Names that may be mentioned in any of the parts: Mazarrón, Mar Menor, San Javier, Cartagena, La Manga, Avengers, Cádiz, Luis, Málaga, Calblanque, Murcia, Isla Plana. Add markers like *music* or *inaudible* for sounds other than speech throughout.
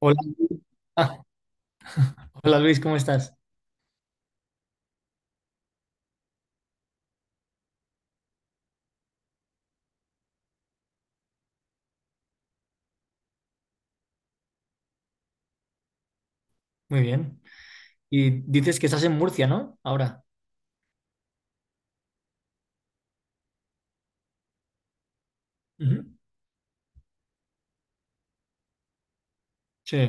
Hola. Ah, Hola, Luis, ¿cómo estás? Muy bien. Y dices que estás en Murcia, ¿no? Ahora. Ujú. Sí.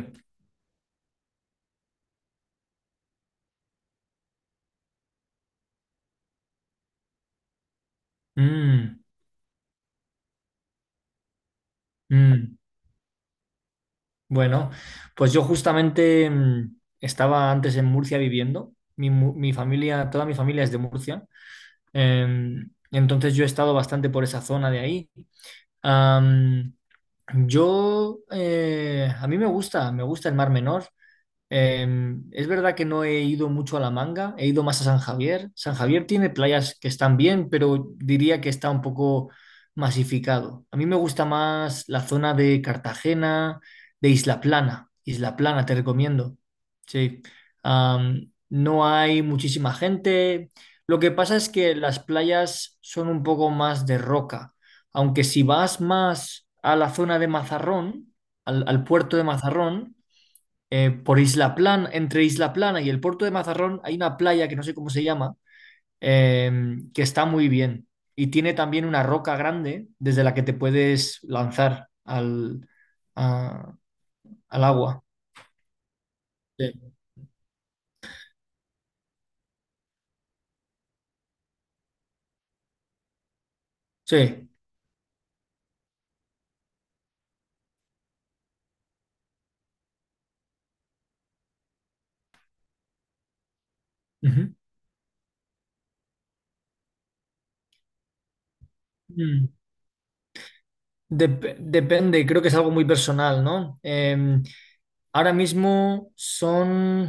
Mm, mm. Bueno, pues yo justamente estaba antes en Murcia viviendo. Mi familia, toda mi familia es de Murcia. Entonces yo he estado bastante por esa zona de ahí. Am, yo, a mí me gusta el Mar Menor. Eh, es verdad que no he ido mucho a La Manga, he ido más a San Javier. San Javier tiene playas que están bien, pero diría que está un poco masificado. A mí me gusta más la zona de Cartagena, de Isla Plana. Isla Plana, te recomiendo. Sí. No hay muchísima gente. Lo que pasa es que las playas son un poco más de roca, aunque si vas más a la zona de Mazarrón, al puerto de Mazarrón, por Isla Plana, entre Isla Plana y el puerto de Mazarrón hay una playa que no sé cómo se llama, eh, que está muy bien y tiene también una roca grande desde la que te puedes lanzar a- al agua. Sí. Sí. Ujú. Mm. Depende, creo que es algo muy personal, ¿no? Ahora mismo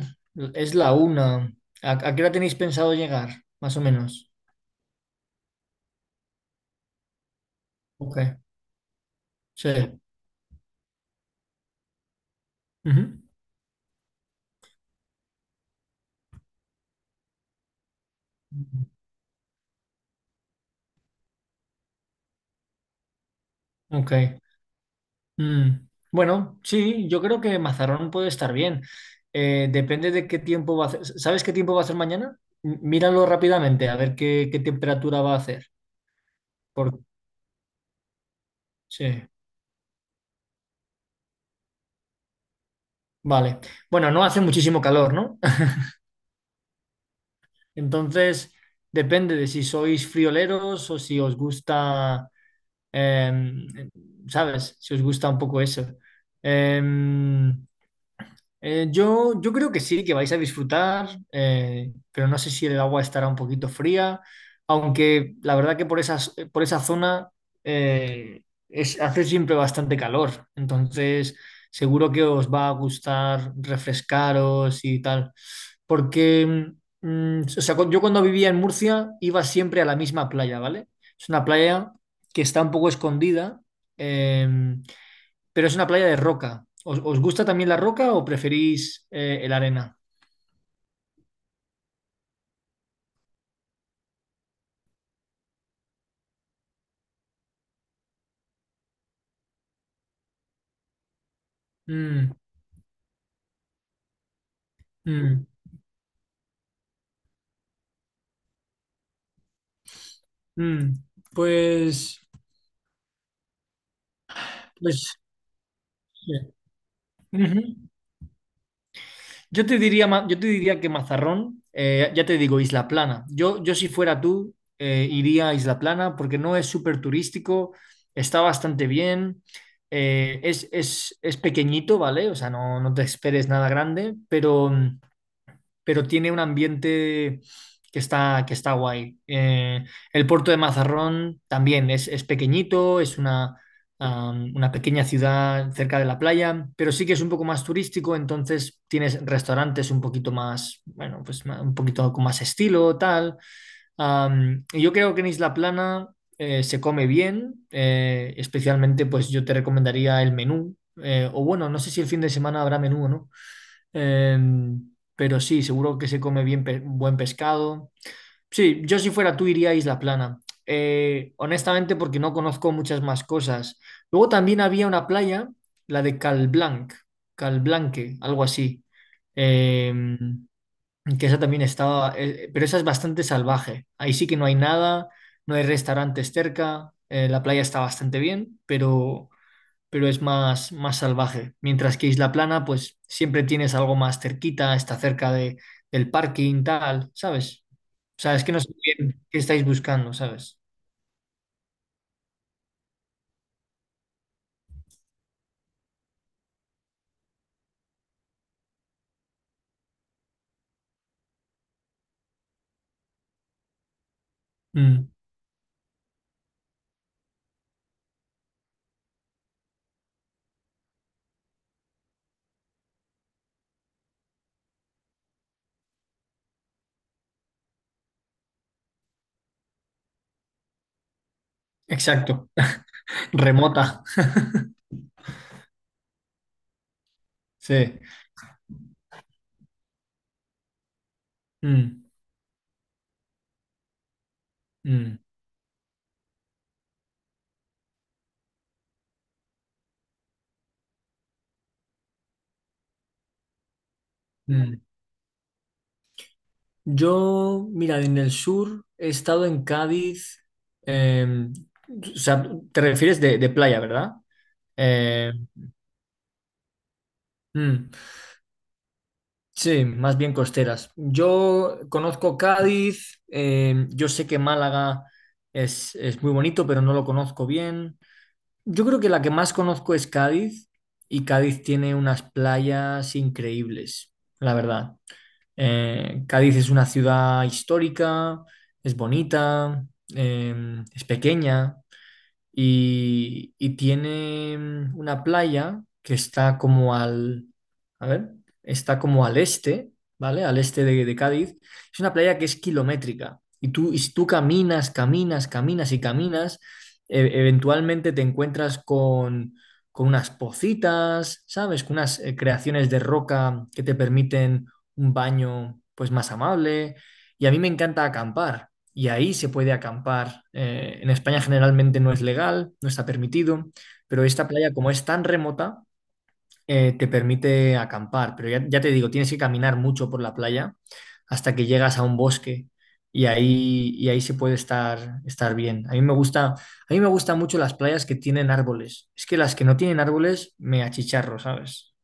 es la 1. A qué hora tenéis pensado llegar, más o menos? Ok, sí. Ujú. Ok. Mm. Bueno, sí, yo creo que Mazarrón puede estar bien. Depende de qué tiempo va a hacer. ¿Sabes qué tiempo va a hacer mañana? Míralo rápidamente a ver qué temperatura va a hacer. Por... Sí, vale. Bueno, no hace muchísimo calor, ¿no? *laughs* Entonces, depende de si sois frioleros o si os gusta, em, ¿sabes? Si os gusta un poco eso. Em, yo, yo creo que sí, que vais a disfrutar, pero no sé si el agua estará un poquito fría, aunque la verdad que por esas, por esa zona eh, es, hace siempre bastante calor, entonces seguro que os va a gustar refrescaros y tal, porque o sea, yo cuando vivía en Murcia iba siempre a la misma playa, ¿vale? Es una playa que está un poco escondida. em, pero es una playa de roca. ¿Os, os gusta también la roca o preferís el arena? Mm, mm, mm. Pues, pues, sí. Ujú. Yo te diría, yo te diría que Mazarrón, ya te digo, Isla Plana. Yo si fuera tú, iría a Isla Plana porque no es súper turístico, está bastante bien, eh, es pequeñito, ¿vale? O sea, no, no te esperes nada grande, pero... pero tiene un ambiente que está guay. El puerto de Mazarrón también es pequeñito, es una, una pequeña ciudad cerca de la playa, pero sí que es un poco más turístico, entonces tienes restaurantes un poquito más, bueno, pues un poquito con más estilo, tal. Y yo creo que en Isla Plana se come bien, especialmente pues yo te recomendaría el menú, o bueno, no sé si el fin de semana habrá menú o no. Em, pero sí, seguro que se come bien buen pescado. Sí, yo si fuera tú iría a Isla Plana. Honestamente, porque no conozco muchas más cosas. Luego también había una playa, la de Calblanc, Calblanque, algo así. Em, que esa también estaba, pero esa es bastante salvaje. Ahí sí que no hay nada, no hay restaurantes cerca. Eh, la playa está bastante bien, pero es más, más salvaje. Mientras que Isla Plana, pues siempre tienes algo más cerquita, está cerca de, del parking, tal, ¿sabes? O sea, es que no sé bien qué estáis buscando, ¿sabes? Mm, exacto, *laughs* remota. Sí. Mm, mm, mm. Yo, mira, en el sur he estado en Cádiz. eh, o sea, te refieres de playa, ¿verdad? Eh, mm. Sí, más bien costeras. Yo conozco Cádiz, yo sé que Málaga es muy bonito, pero no lo conozco bien. Yo creo que la que más conozco es Cádiz y Cádiz tiene unas playas increíbles, la verdad. Cádiz es una ciudad histórica, es bonita, es pequeña y tiene una playa que está como al, a ver, está como al este, ¿vale? Al este de Cádiz. Es una playa que es kilométrica y tú, y si tú caminas, caminas, caminas y caminas, eventualmente te encuentras con unas pocitas, ¿sabes? Con unas creaciones de roca que te permiten un baño pues más amable. Y a mí me encanta acampar y ahí se puede acampar. En España generalmente no es legal, no está permitido, pero esta playa, como es tan remota, te permite acampar. Pero ya, ya te digo, tienes que caminar mucho por la playa hasta que llegas a un bosque y ahí se puede estar, estar bien. A mí me gusta, a mí me gustan mucho las playas que tienen árboles. Es que las que no tienen árboles me achicharro, ¿sabes?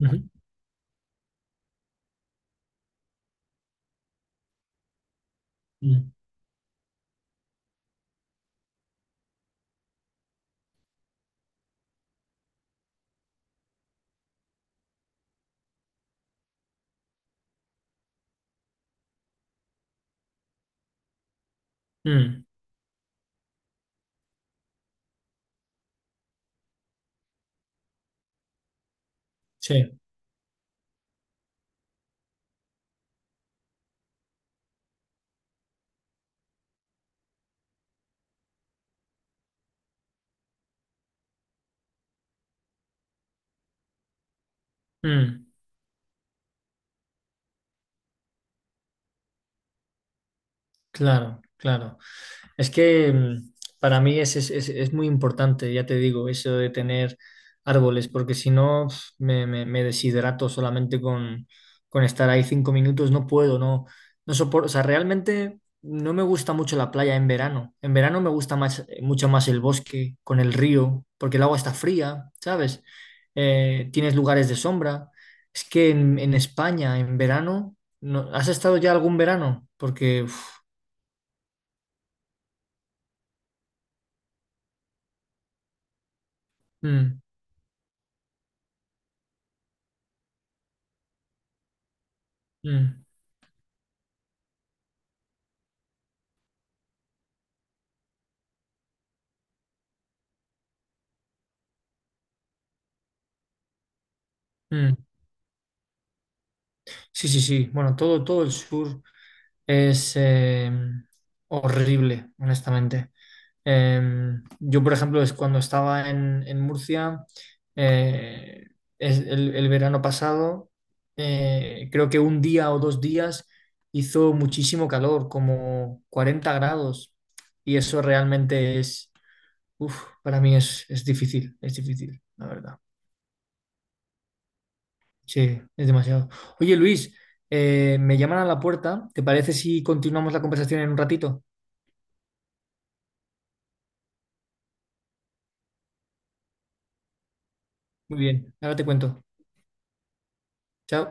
Ujú. Mm, mm, sí, mm, claro, claro. Es que para mí es, es muy importante, ya te digo, eso de tener árboles, porque si no pf, me deshidrato solamente con estar ahí 5 minutos, no puedo, no, no soporto, o sea, realmente no me gusta mucho la playa en verano. En verano me gusta más, mucho más el bosque con el río, porque el agua está fría, ¿sabes? Tienes lugares de sombra. Es que en España, en verano, no, ¿has estado ya algún verano? Porque... uf, mm, mm. Mm. Sí, sí, sí. Bueno, todo, todo el sur es horrible, honestamente. Eh, yo, por ejemplo, es cuando estaba en Murcia, eh, el verano pasado, creo que un día o dos días hizo muchísimo calor, como 40 grados, y eso realmente es, uf, para mí es difícil, la verdad. Sí, es demasiado. Oye, Luis, me llaman a la puerta. ¿Te parece si continuamos la conversación en un ratito? Muy bien, ahora te cuento. Chao.